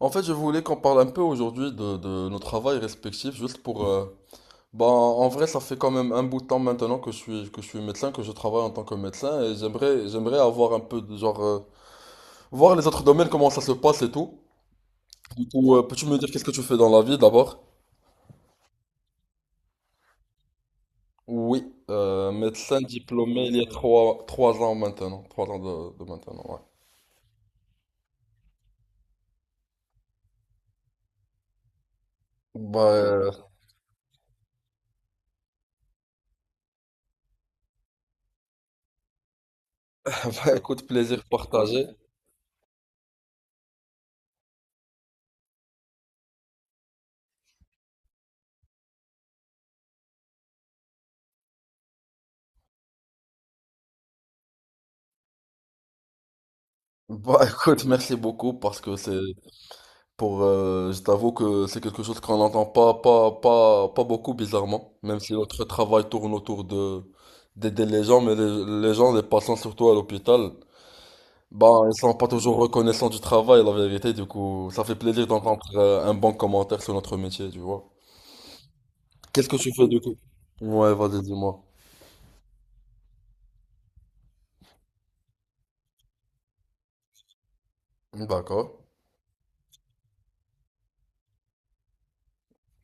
En fait, je voulais qu'on parle un peu aujourd'hui de nos travails respectifs, juste pour... bah, en vrai, ça fait quand même un bout de temps maintenant que je suis médecin, que je travaille en tant que médecin, et j'aimerais avoir un peu de genre... voir les autres domaines, comment ça se passe et tout. Du coup, peux-tu me dire qu'est-ce que tu fais dans la vie d'abord? Oui, médecin diplômé il y a trois ans maintenant, 3 ans de maintenant, ouais. Bah, bah écoute, plaisir partagé. Bah écoute, merci beaucoup parce que c'est pour, je t'avoue que c'est quelque chose qu'on n'entend pas beaucoup bizarrement, même si notre travail tourne autour de d'aider les gens, mais les gens, les patients surtout à l'hôpital, bah ils sont pas toujours reconnaissants du travail, la vérité. Du coup, ça fait plaisir d'entendre un bon commentaire sur notre métier, tu vois. Qu'est-ce que tu fais du coup? Ouais, vas-y, dis-moi. D'accord.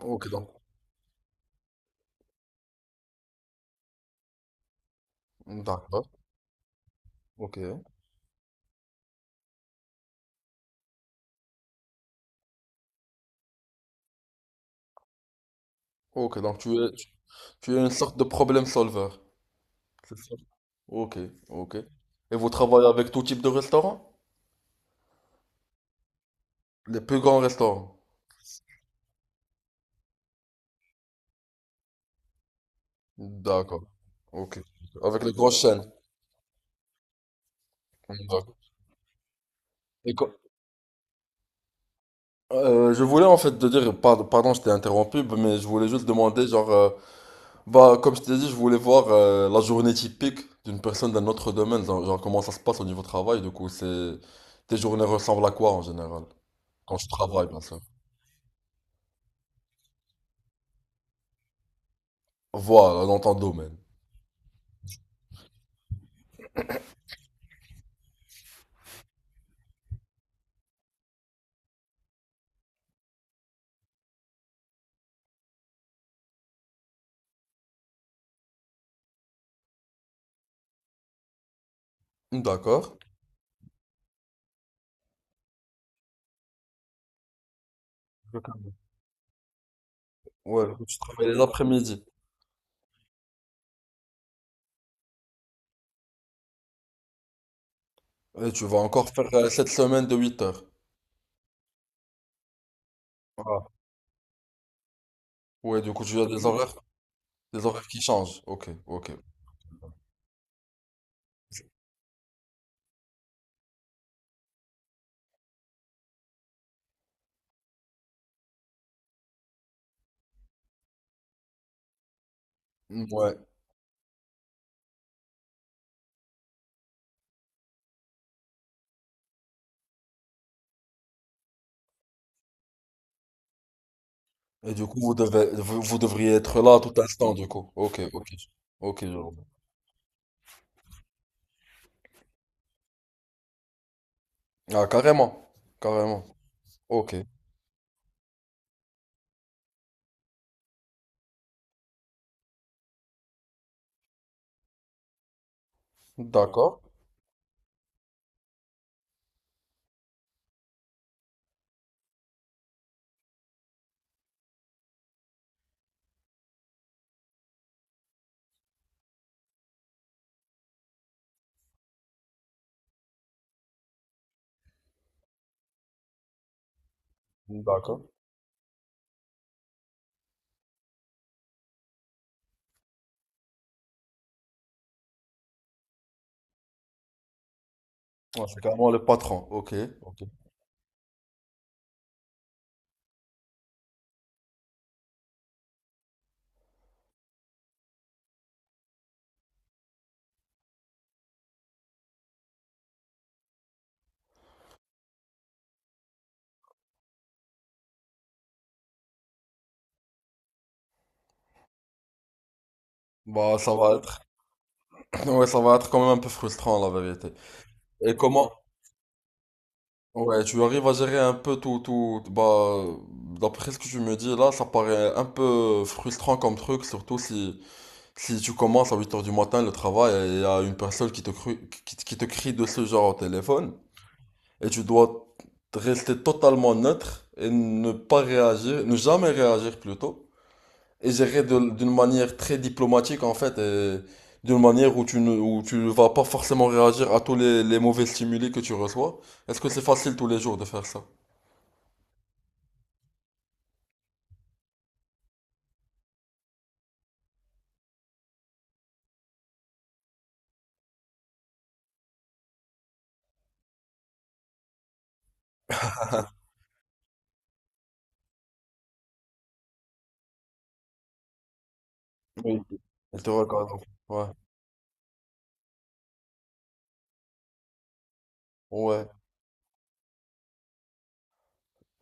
Ok donc. D'accord. Ok. Ok donc tu es une sorte de problème solver. C'est ça. Ok, ok. Et vous travaillez avec tout type de restaurant? Les plus grands restaurants. D'accord. Ok. Avec les grosses chaînes. D'accord. Je voulais en fait te dire, pardon, pardon, je t'ai interrompu, mais je voulais juste demander, genre, bah, comme je t'ai dit, je voulais voir la journée typique d'une personne d'un autre domaine, genre comment ça se passe au niveau travail, du coup, c'est... Tes journées ressemblent à quoi en général? Quand je travaille, bien sûr. Voilà, dans ton domaine. D'accord. Ouais, du coup, tu travailles les après-midi. Et tu vas encore faire cette semaine de 8 heures. Ah. Ouais, du coup, tu as des horaires? Les horaires qui changent, ok, ok. Ouais. Et du coup, vous devez, vous, vous devriez être là à tout instant, du coup. Ok, ok. Ok, je vois. Ah, carrément. Carrément. Ok. D'accord. D'accord. Ouais, c'est carrément le patron. Ok, ok. Bah, ça va être, ouais, ça va être quand même un peu frustrant, la vérité. Et comment, ouais, tu arrives à gérer un peu tout, bah, d'après ce que tu me dis, là, ça paraît un peu frustrant comme truc, surtout si, si tu commences à 8 heures du matin le travail et il y a une personne qui te, qui te crie de ce genre au téléphone et tu dois rester totalement neutre et ne pas réagir, ne jamais réagir plutôt et gérer d'une manière très diplomatique en fait et d'une manière où tu ne vas pas forcément réagir à tous les mauvais stimuli que tu reçois. Est-ce que c'est facile tous les jours de faire ça? Oui. Elle te regarde. Ouais. Ouais.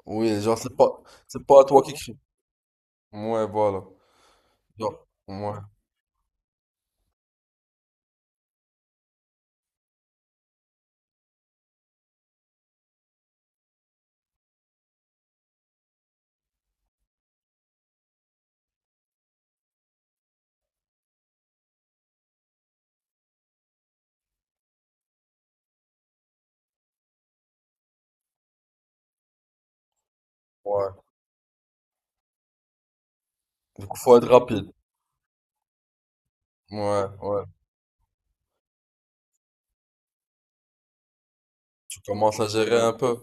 Oui, genre c'est pas à toi qui crie. Ouais, voilà. Genre, ouais. Ouais. Donc, faut être rapide. Ouais, ouais. Tu commences à gérer un peu.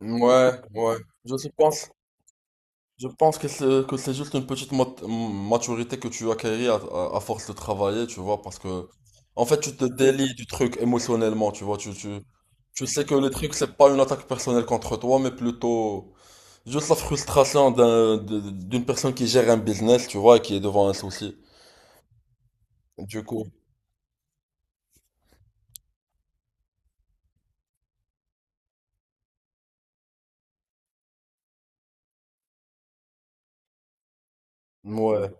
Ouais, ouais. Je je pense, je pense que c'est juste une petite maturité que tu acquéris à, à force de travailler, tu vois, parce que en fait, tu te délies du truc émotionnellement, tu vois, tu sais que le truc, c'est pas une attaque personnelle contre toi, mais plutôt juste la frustration d'une personne qui gère un business, tu vois, et qui est devant un souci. Du coup, ouais,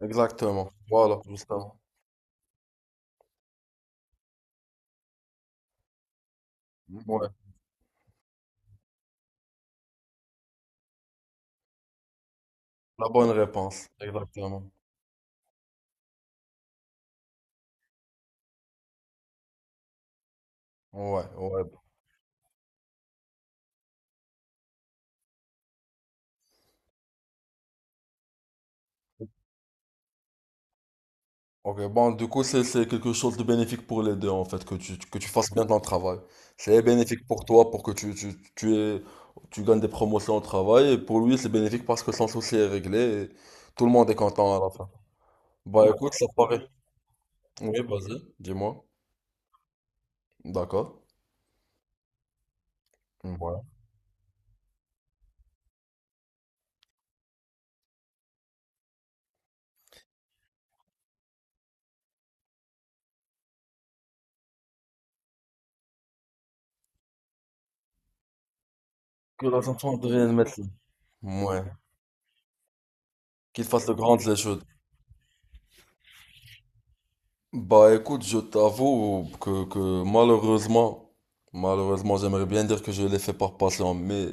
exactement. Voilà, justement. Ouais. La bonne réponse, exactement. Ouais, ouais. Ok, bon, du coup, c'est quelque chose de bénéfique pour les deux, en fait, que tu fasses bien ton travail. C'est bénéfique pour toi, pour que tu aies- tu gagnes des promotions au travail, et pour lui, c'est bénéfique parce que son souci est réglé, et tout le monde est content à la fin. Bah, écoute, ça paraît. Oui, vas-y, dis-moi. D'accord. Ouais. Que la chanson devienne médecin. Ouais. Qu'il fasse de grandes études. Bah écoute, je t'avoue que malheureusement, malheureusement, j'aimerais bien dire que je l'ai fait par passion, mais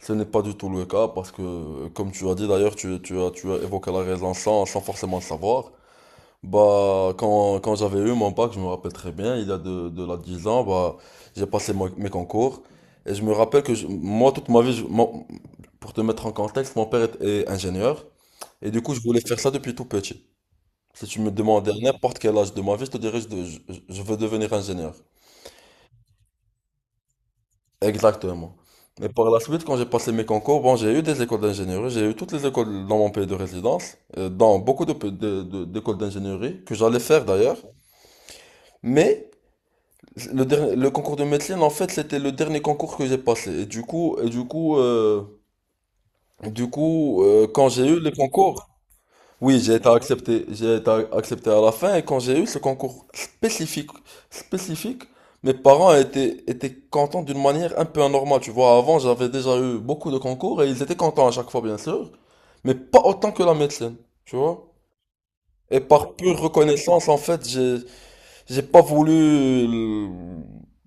ce n'est pas du tout le cas parce que, comme tu as dit d'ailleurs, tu as évoqué la raison sans forcément le savoir. Bah, quand j'avais eu mon bac, je me rappelle très bien, il y a de là 10 ans, bah, j'ai passé mes concours et je me rappelle que moi, toute ma vie, pour te mettre en contexte, mon père est ingénieur et du coup, je voulais faire ça depuis tout petit. Si tu me demandais à n'importe quel âge de ma vie, je te dirais je veux devenir ingénieur. Exactement. Mais par la suite, quand j'ai passé mes concours, bon, j'ai eu des écoles d'ingénierie, j'ai eu toutes les écoles dans mon pays de résidence, dans beaucoup de, pe- de- d'écoles d'ingénierie, que j'allais faire d'ailleurs. Mais le concours de médecine, en fait, c'était le dernier concours que j'ai passé. Et du coup Quand j'ai eu les concours, oui, j'ai été accepté à la fin et quand j'ai eu ce concours spécifique, mes parents étaient contents d'une manière un peu anormale. Tu vois, avant, j'avais déjà eu beaucoup de concours et ils étaient contents à chaque fois, bien sûr, mais pas autant que la médecine, tu vois. Et par pure reconnaissance, en fait, j'ai pas voulu, euh,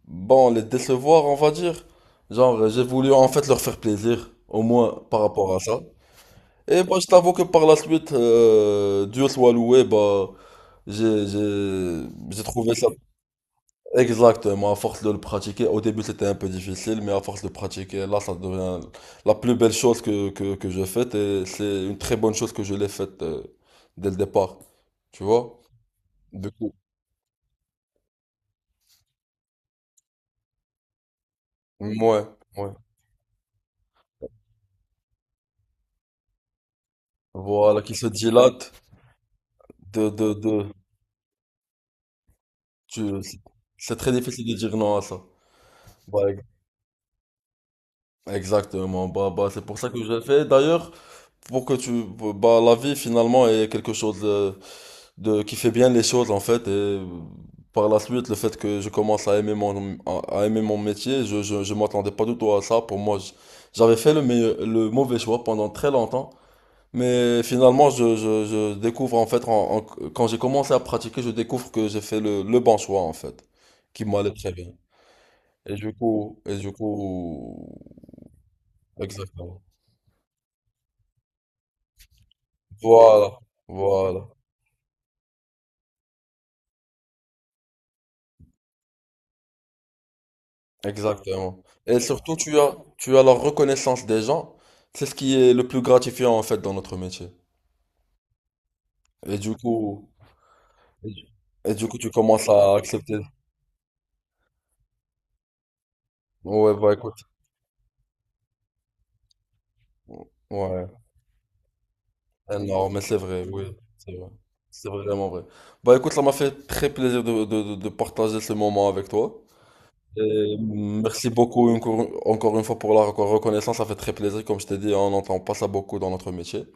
bon, les décevoir, on va dire. Genre, j'ai voulu en fait leur faire plaisir, au moins par rapport à ça. Et moi, je t'avoue que par la suite, Dieu soit loué, bah, j'ai, j'ai, j'ai trouvé ça exactement à force de le pratiquer. Au début, c'était un peu difficile, mais à force de pratiquer, là, ça devient la plus belle chose que je fais. Et c'est une très bonne chose que je l'ai faite dès le départ. Tu vois? Du coup, ouais, ouais. Voilà, qui se dilate de, de, de, tu, c'est très difficile de dire non à ça. Bah, exactement. C'est pour ça que je l'ai fait d'ailleurs, pour que tu bah la vie finalement est quelque chose de qui fait bien les choses en fait et par la suite le fait que je commence à aimer mon métier je m'attendais pas du tout à ça pour moi j'avais fait le mauvais choix pendant très longtemps mais finalement je découvre en fait quand j'ai commencé à pratiquer je découvre que j'ai fait le bon choix en fait qui m'allait très bien et du coup et du coup exactement voilà voilà. Exactement. Et surtout, tu as la reconnaissance des gens. C'est ce qui est le plus gratifiant en fait dans notre métier. Et du coup, et du et du coup, tu commences à accepter. Ouais, bah écoute, ouais, énorme, mais c'est vrai, oui, c'est vrai. C'est vraiment vrai. Bah écoute, ça m'a fait très plaisir de partager ce moment avec toi. Et merci beaucoup encore une fois pour la reconnaissance, ça fait très plaisir. Comme je t'ai dit, on n'entend pas ça beaucoup dans notre métier.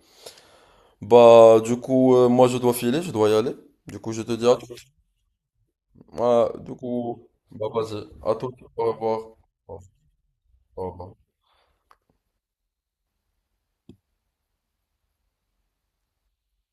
Bah, du coup, moi, je dois filer, je dois y aller. Du coup, je te dis à tout. Ouais, du coup, bah, vas-y, à tout. Au revoir. Au revoir.